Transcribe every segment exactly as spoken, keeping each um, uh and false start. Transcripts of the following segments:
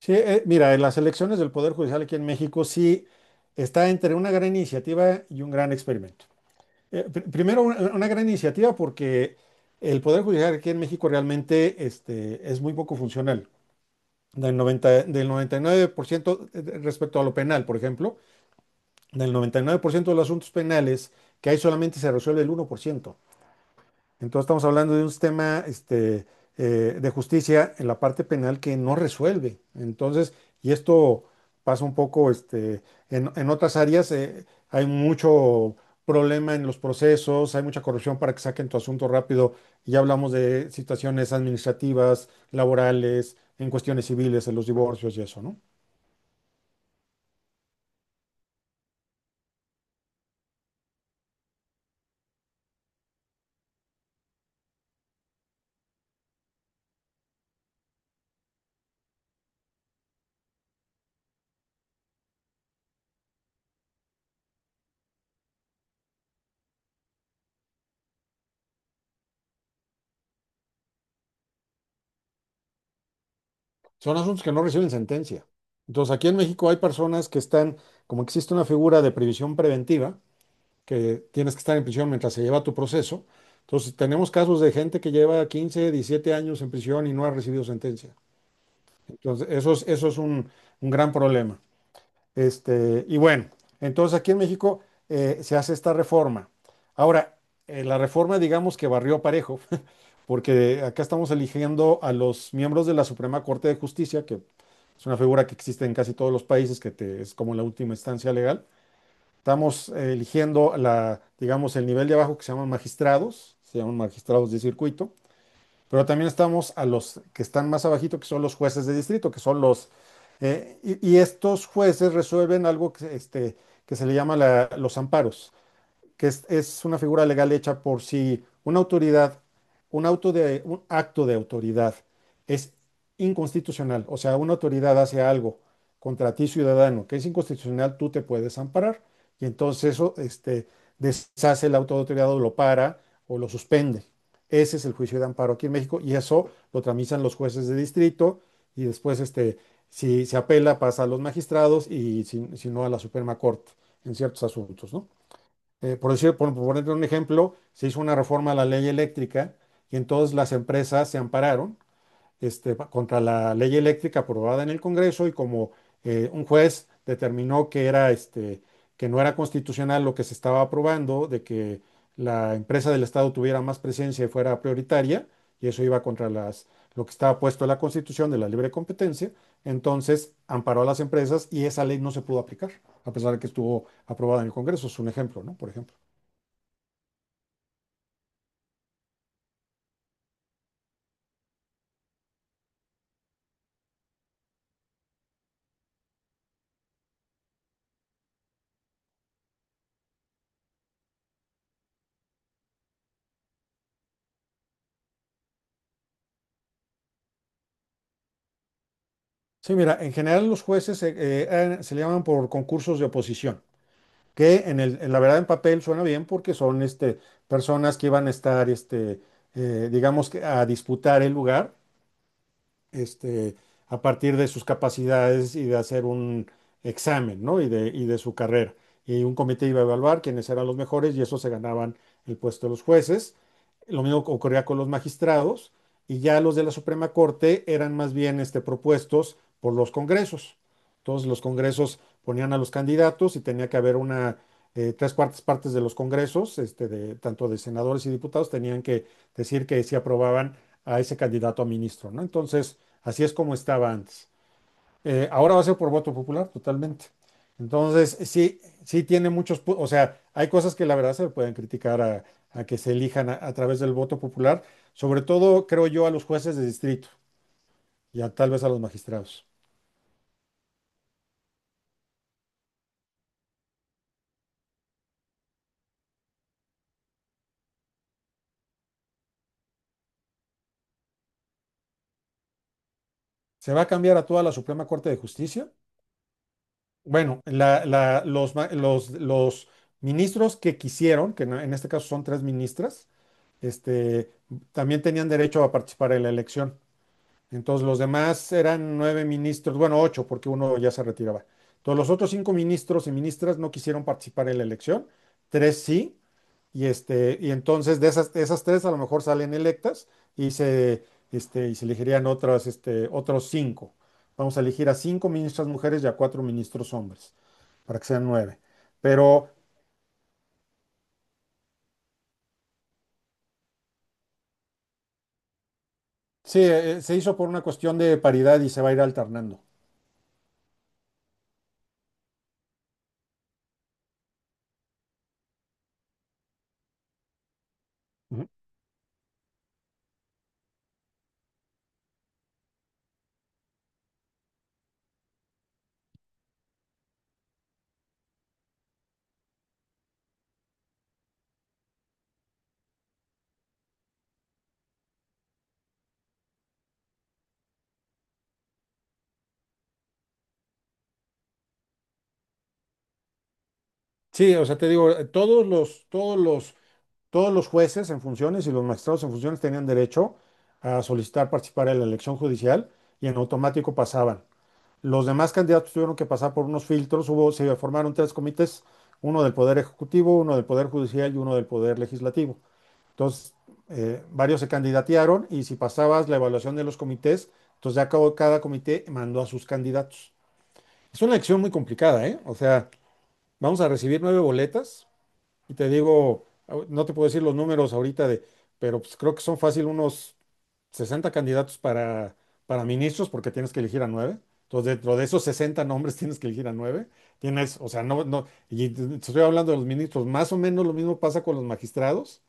Sí, eh, mira, en las elecciones del Poder Judicial aquí en México sí está entre una gran iniciativa y un gran experimento. Eh, pr- primero, una, una gran iniciativa porque el Poder Judicial aquí en México realmente este, es muy poco funcional. Del noventa, del noventa y nueve por ciento respecto a lo penal, por ejemplo, del noventa y nueve por ciento de los asuntos penales que hay solamente se resuelve el uno por ciento. Entonces estamos hablando de un sistema este, eh, de justicia en la parte penal que no resuelve. Entonces, y esto pasa un poco, este, en, en otras áreas. Eh, hay mucho problema en los procesos, hay mucha corrupción para que saquen tu asunto rápido. Y ya hablamos de situaciones administrativas, laborales, en cuestiones civiles, en los divorcios y eso, ¿no? Son asuntos que no reciben sentencia. Entonces, aquí en México hay personas que están, como existe una figura de previsión preventiva, que tienes que estar en prisión mientras se lleva tu proceso. Entonces, tenemos casos de gente que lleva quince, diecisiete años en prisión y no ha recibido sentencia. Entonces, eso es, eso es un, un gran problema. Este, y bueno, entonces aquí en México eh, se hace esta reforma. Ahora, eh, la reforma, digamos, que barrió parejo, porque acá estamos eligiendo a los miembros de la Suprema Corte de Justicia, que es una figura que existe en casi todos los países, que te- es como la última instancia legal. Estamos eh, eligiendo la, digamos, el nivel de abajo que se llaman magistrados, se llaman magistrados de circuito, pero también estamos a los que están más abajito, que son los jueces de distrito, que son los, eh, y, y estos jueces resuelven algo que, este, que se le llama la- los amparos, que es, es una figura legal hecha por si una autoridad, un, auto de, un acto de autoridad es inconstitucional. O sea, una autoridad hace algo contra ti ciudadano que es inconstitucional, tú te puedes amparar, y entonces eso, este, deshace el auto de autoridad, o lo para o lo suspende. Ese es el juicio de amparo aquí en México, y eso lo tramitan los jueces de distrito, y después, este, si se apela pasa a los magistrados, y si, si no a la Suprema Corte, en ciertos asuntos, ¿no? Eh, por decir, por, por poner un ejemplo, se hizo una reforma a la ley eléctrica y entonces las empresas se ampararon, este, pa- contra la ley eléctrica aprobada en el Congreso. Y como, eh, un juez determinó que era, este, que no era constitucional lo que se estaba aprobando, de que la empresa del Estado tuviera más presencia y fuera prioritaria, y eso iba contra las, lo que estaba puesto en la Constitución de la libre competencia. Entonces amparó a las empresas y esa ley no se pudo aplicar, a pesar de que estuvo aprobada en el Congreso. Es un ejemplo, ¿no? Por ejemplo. Sí, mira, en general los jueces, eh, eh, eran- se le llaman por concursos de oposición, que en el, en la verdad en papel suena bien, porque son, este, personas que iban a estar, este, eh, digamos, que a disputar el lugar, este, a partir de sus capacidades y de hacer un examen, ¿no? Y de, y de su carrera. Y un comité iba a evaluar quiénes eran los mejores y eso se ganaban el puesto de los jueces. Lo mismo ocurría con los magistrados, y ya los de la Suprema Corte eran más bien, este, propuestos por los congresos. Entonces los congresos ponían a los candidatos y tenía que haber una, eh, tres cuartas partes de los congresos, este, de, tanto de senadores y diputados, tenían que decir que sí aprobaban a ese candidato a ministro, ¿no? Entonces, así es como estaba antes. Eh, ahora va a ser por voto popular, totalmente. Entonces, sí, sí tiene muchos, pu- o sea, hay cosas que la verdad se pueden criticar, a, a que se elijan, a, a través del voto popular, sobre todo, creo yo, a los jueces de distrito y a, tal vez a los magistrados. ¿Se va a cambiar a toda la Suprema Corte de Justicia? Bueno, la- la- los, ma- los, los ministros que quisieron, que en en este caso son tres ministras, este, también tenían derecho a participar en la elección. Entonces los demás eran nueve ministros, bueno, ocho, porque uno ya se retiraba. Entonces los otros cinco ministros y ministras no quisieron participar en la elección, tres sí, y, este, y entonces de esas, de esas tres a lo mejor salen electas y se, este, y se elegirían otras, este, otros cinco. Vamos a elegir a cinco ministras mujeres y a cuatro ministros hombres, para que sean nueve. Pero sí, eh, eh, se hizo por una cuestión de paridad y se va a ir alternando. Ujú. Sí, o sea, te digo, eh, todos los, todos los todos los jueces en funciones y los magistrados en funciones tenían derecho a solicitar participar en la elección judicial, y en automático pasaban. Los demás candidatos tuvieron que pasar por unos filtros, hubo, se formaron tres comités: uno del Poder Ejecutivo, uno del Poder Judicial y uno del Poder Legislativo. Entonces, eh, varios se candidatearon, y si pasabas la evaluación de los comités, entonces ya acabó- cada comité mandó a sus candidatos. Es una elección muy complicada, ¿eh? O sea, vamos a recibir nueve boletas. Y te digo, au- no te puedo decir los números ahorita de, pero pues creo que son fácil unos sesenta candidatos para, para ministros, porque tienes que elegir a nueve. Entonces, dentro de esos sesenta nombres tienes que elegir a nueve. Tienes, o sea, no, no, y te estoy hablando de los ministros, más o menos lo mismo pasa con los magistrados.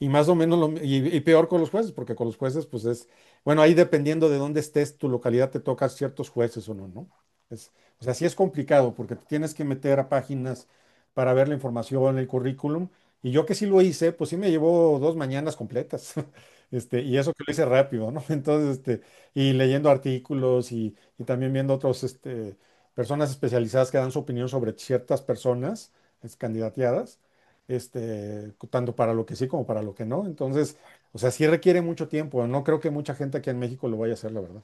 Y más o menos, lo, y, y peor con los jueces, porque con los jueces, pues es, bueno, ahí dependiendo de dónde estés, tu localidad te toca ciertos jueces o no, ¿no? Es, o sea, sí es complicado, porque te tienes que meter a páginas para ver la información, el currículum, y yo que sí lo hice, pues sí me llevó dos mañanas completas, este, y eso que lo hice rápido, ¿no? Entonces, este, y leyendo artículos, y, y también viendo otros, este, personas especializadas que dan su opinión sobre ciertas personas, es, candidateadas, este, tanto para lo que sí como para lo que no. Entonces, o sea, sí requiere mucho tiempo. No creo que mucha gente aquí en México lo vaya a hacer, la verdad.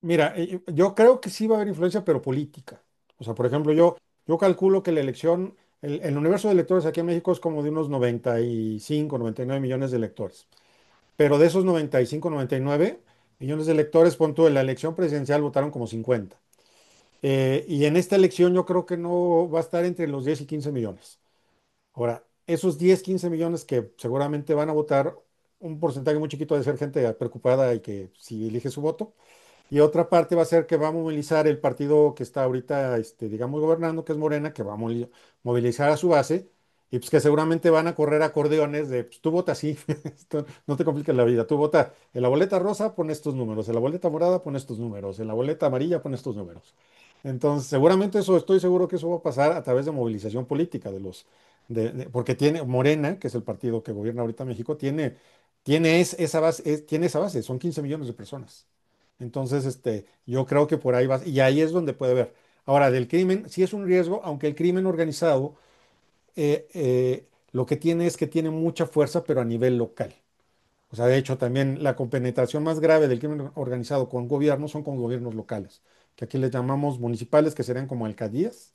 Mira, eh, yo creo que sí va a haber influencia, pero política. O sea, por ejemplo, yo, yo calculo que la elección, el, el universo de electores aquí en México es como de unos noventa, noventa y cinco, noventa y nueve millones de electores. Pero de esos noventa, noventa y cinco, noventa y nueve millones de electores, pon tú, en la elección presidencial votaron como cincuenta. Eh, y en esta elección yo creo que no va a estar entre los diez y quince millones. Ahora, esos diez, quince millones que seguramente van a votar, un porcentaje muy chiquito ha de ser gente preocupada y que si elige su voto, y otra parte va a ser que va a movilizar el partido que está ahorita, este, digamos, gobernando, que es Morena, que va a moli- movilizar a su base, y pues que seguramente van a correr acordeones de, pues tú vota así, esto no te compliques la vida, tú vota en la boleta rosa, pon estos números, en la boleta morada, pon estos números, en la boleta amarilla, pon estos números. Entonces, seguramente eso, estoy seguro que eso va a pasar a través de movilización política de los, de- de- porque tiene Morena, que es el partido que gobierna ahorita México, tiene, tiene es- esa base, es- tiene esa base, son quince millones de personas. Entonces, este, yo creo que por ahí vas, y ahí es donde puede haber. Ahora, del crimen, sí es un riesgo, aunque el crimen organizado, eh, eh, lo que tiene es que tiene mucha fuerza, pero a nivel local. O sea, de hecho, también la compenetración más grave del crimen organizado con gobiernos son con gobiernos locales, que aquí les llamamos municipales, que serían como alcaldías,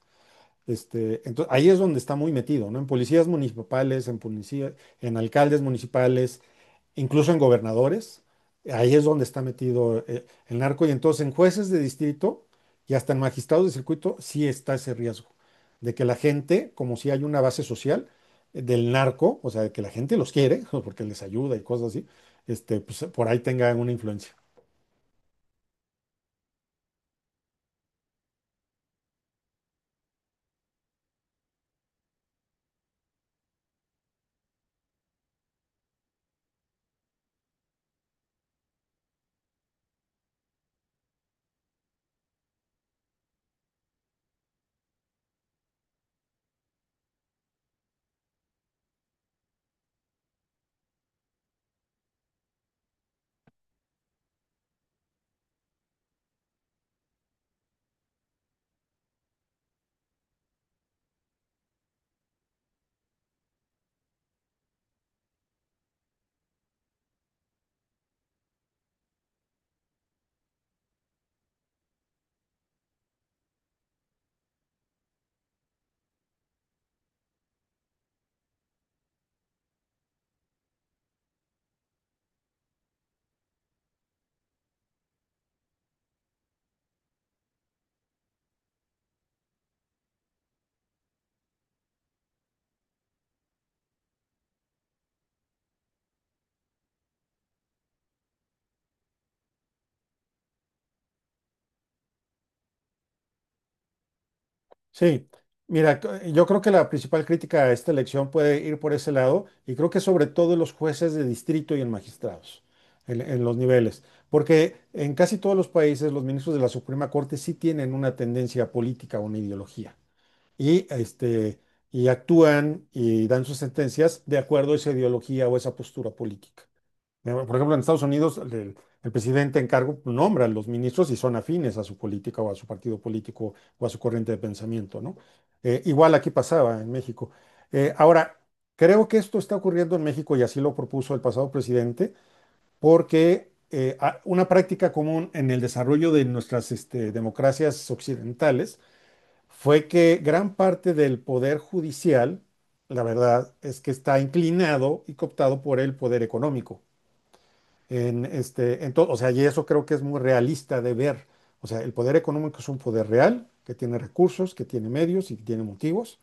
este, entonces, ahí es donde está muy metido, ¿no? En policías municipales, en policía, en alcaldes municipales, incluso en gobernadores. Ahí es donde está metido, eh, el narco. Y entonces en jueces de distrito y hasta en magistrados de circuito sí está ese riesgo de que la gente, como si hay una base social eh, del narco, o sea, de que la gente los quiere, porque les ayuda y cosas así, este, pues, por ahí tenga una influencia. Sí, mira, co- yo creo que la principal crítica a esta elección puede ir por ese lado y creo que sobre todo en los jueces de distrito y en magistrados, en, en los niveles, porque en casi todos los países los ministros de la Suprema Corte sí tienen una tendencia política o una ideología y, este, y actúan y dan sus sentencias de acuerdo a esa ideología o esa postura política. Eh, Por ejemplo, en Estados Unidos, el, el presidente en cargo, pues, nombra a los ministros y son afines a su política o a su partido político o a su corriente de pensamiento, ¿no? Eh, igual aquí pasaba en México. Eh, ahora, creo que esto está ocurriendo en México y así lo propuso el pasado presidente, porque eh, a- una práctica común en el desarrollo de nuestras, este, democracias occidentales fue que gran parte del poder judicial, la verdad, es que está inclinado y cooptado por el poder económico. En este, en to- O sea, y eso creo que es muy realista de ver. O sea, el poder económico es un poder real que tiene recursos, que tiene medios y que tiene motivos.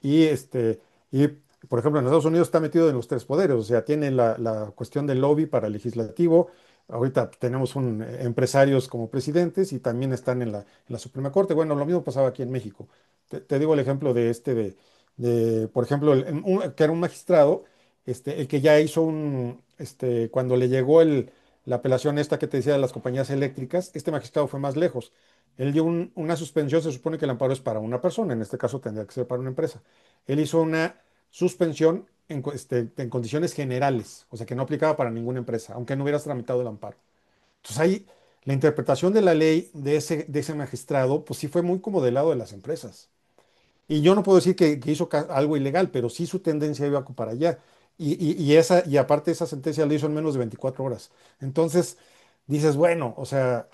Y, este, y, por ejemplo, en Estados Unidos está metido en los tres poderes, o sea, tiene la, la cuestión del lobby para el legislativo. Ahorita tenemos un, eh, empresarios como presidentes y también están en la, en la Suprema Corte. Bueno, lo mismo pasaba aquí en México. Te, te digo el ejemplo de este, de, de, por ejemplo, el- en un- que era un magistrado, este, el que ya hizo un, este, cuando le llegó el, la apelación esta que te decía de las compañías eléctricas. Este magistrado fue más lejos. Él dio un- una suspensión. Se supone que el amparo es para una persona, en este caso tendría que ser para una empresa. Él hizo una suspensión en, cu- este, en condiciones generales, o sea, que no aplicaba para ninguna empresa, aunque no hubieras tramitado el amparo. Entonces ahí la interpretación de la ley de ese, de ese magistrado, pues sí fue muy como del lado de las empresas. Y yo no puedo decir que, que hizo ca- algo ilegal, pero sí su tendencia iba para allá. Y, y- y esa, y aparte esa sentencia la hizo en menos de veinticuatro horas. Entonces dices, bueno, o sea,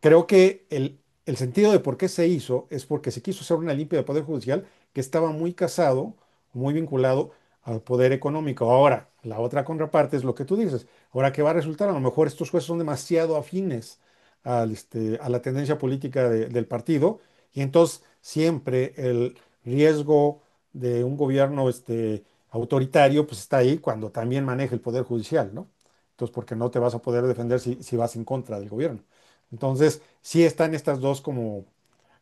creo que el, el sentido de por qué se hizo es porque se quiso hacer una limpia del Poder Judicial, que estaba muy casado, muy vinculado al poder económico. Ahora, la otra contraparte es lo que tú dices. Ahora, ¿qué va a resultar? A lo mejor estos jueces son demasiado afines al, este, a la tendencia política de- del partido, y entonces siempre el riesgo de un gobierno, este, autoritario, pues está ahí cuando también maneja el Poder Judicial, ¿no? Entonces, porque no te vas a poder defender si, si vas en contra del gobierno. Entonces, sí están estas dos como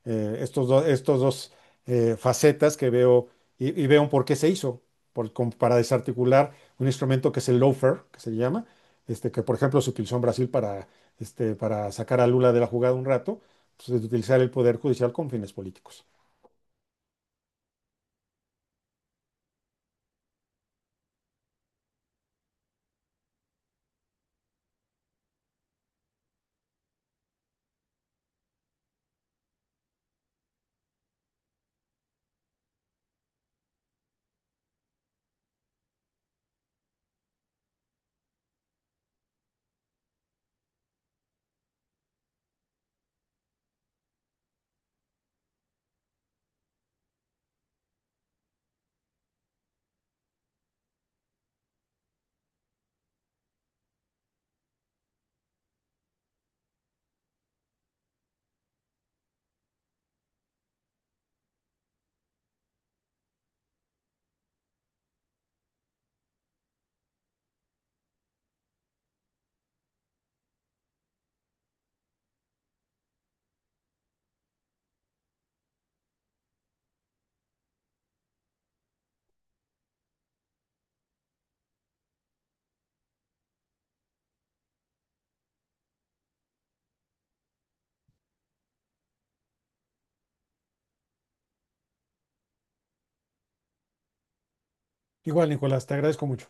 eh, estos dos, estos dos eh, facetas que veo, y, y veo un por qué se hizo, por- como para desarticular un instrumento que es el loafer, que se llama, este, que por ejemplo se utilizó en Brasil para, este, para sacar a Lula de la jugada un rato. Pues, es utilizar el poder judicial con fines políticos. Igual, Nicolás, te agradezco mucho.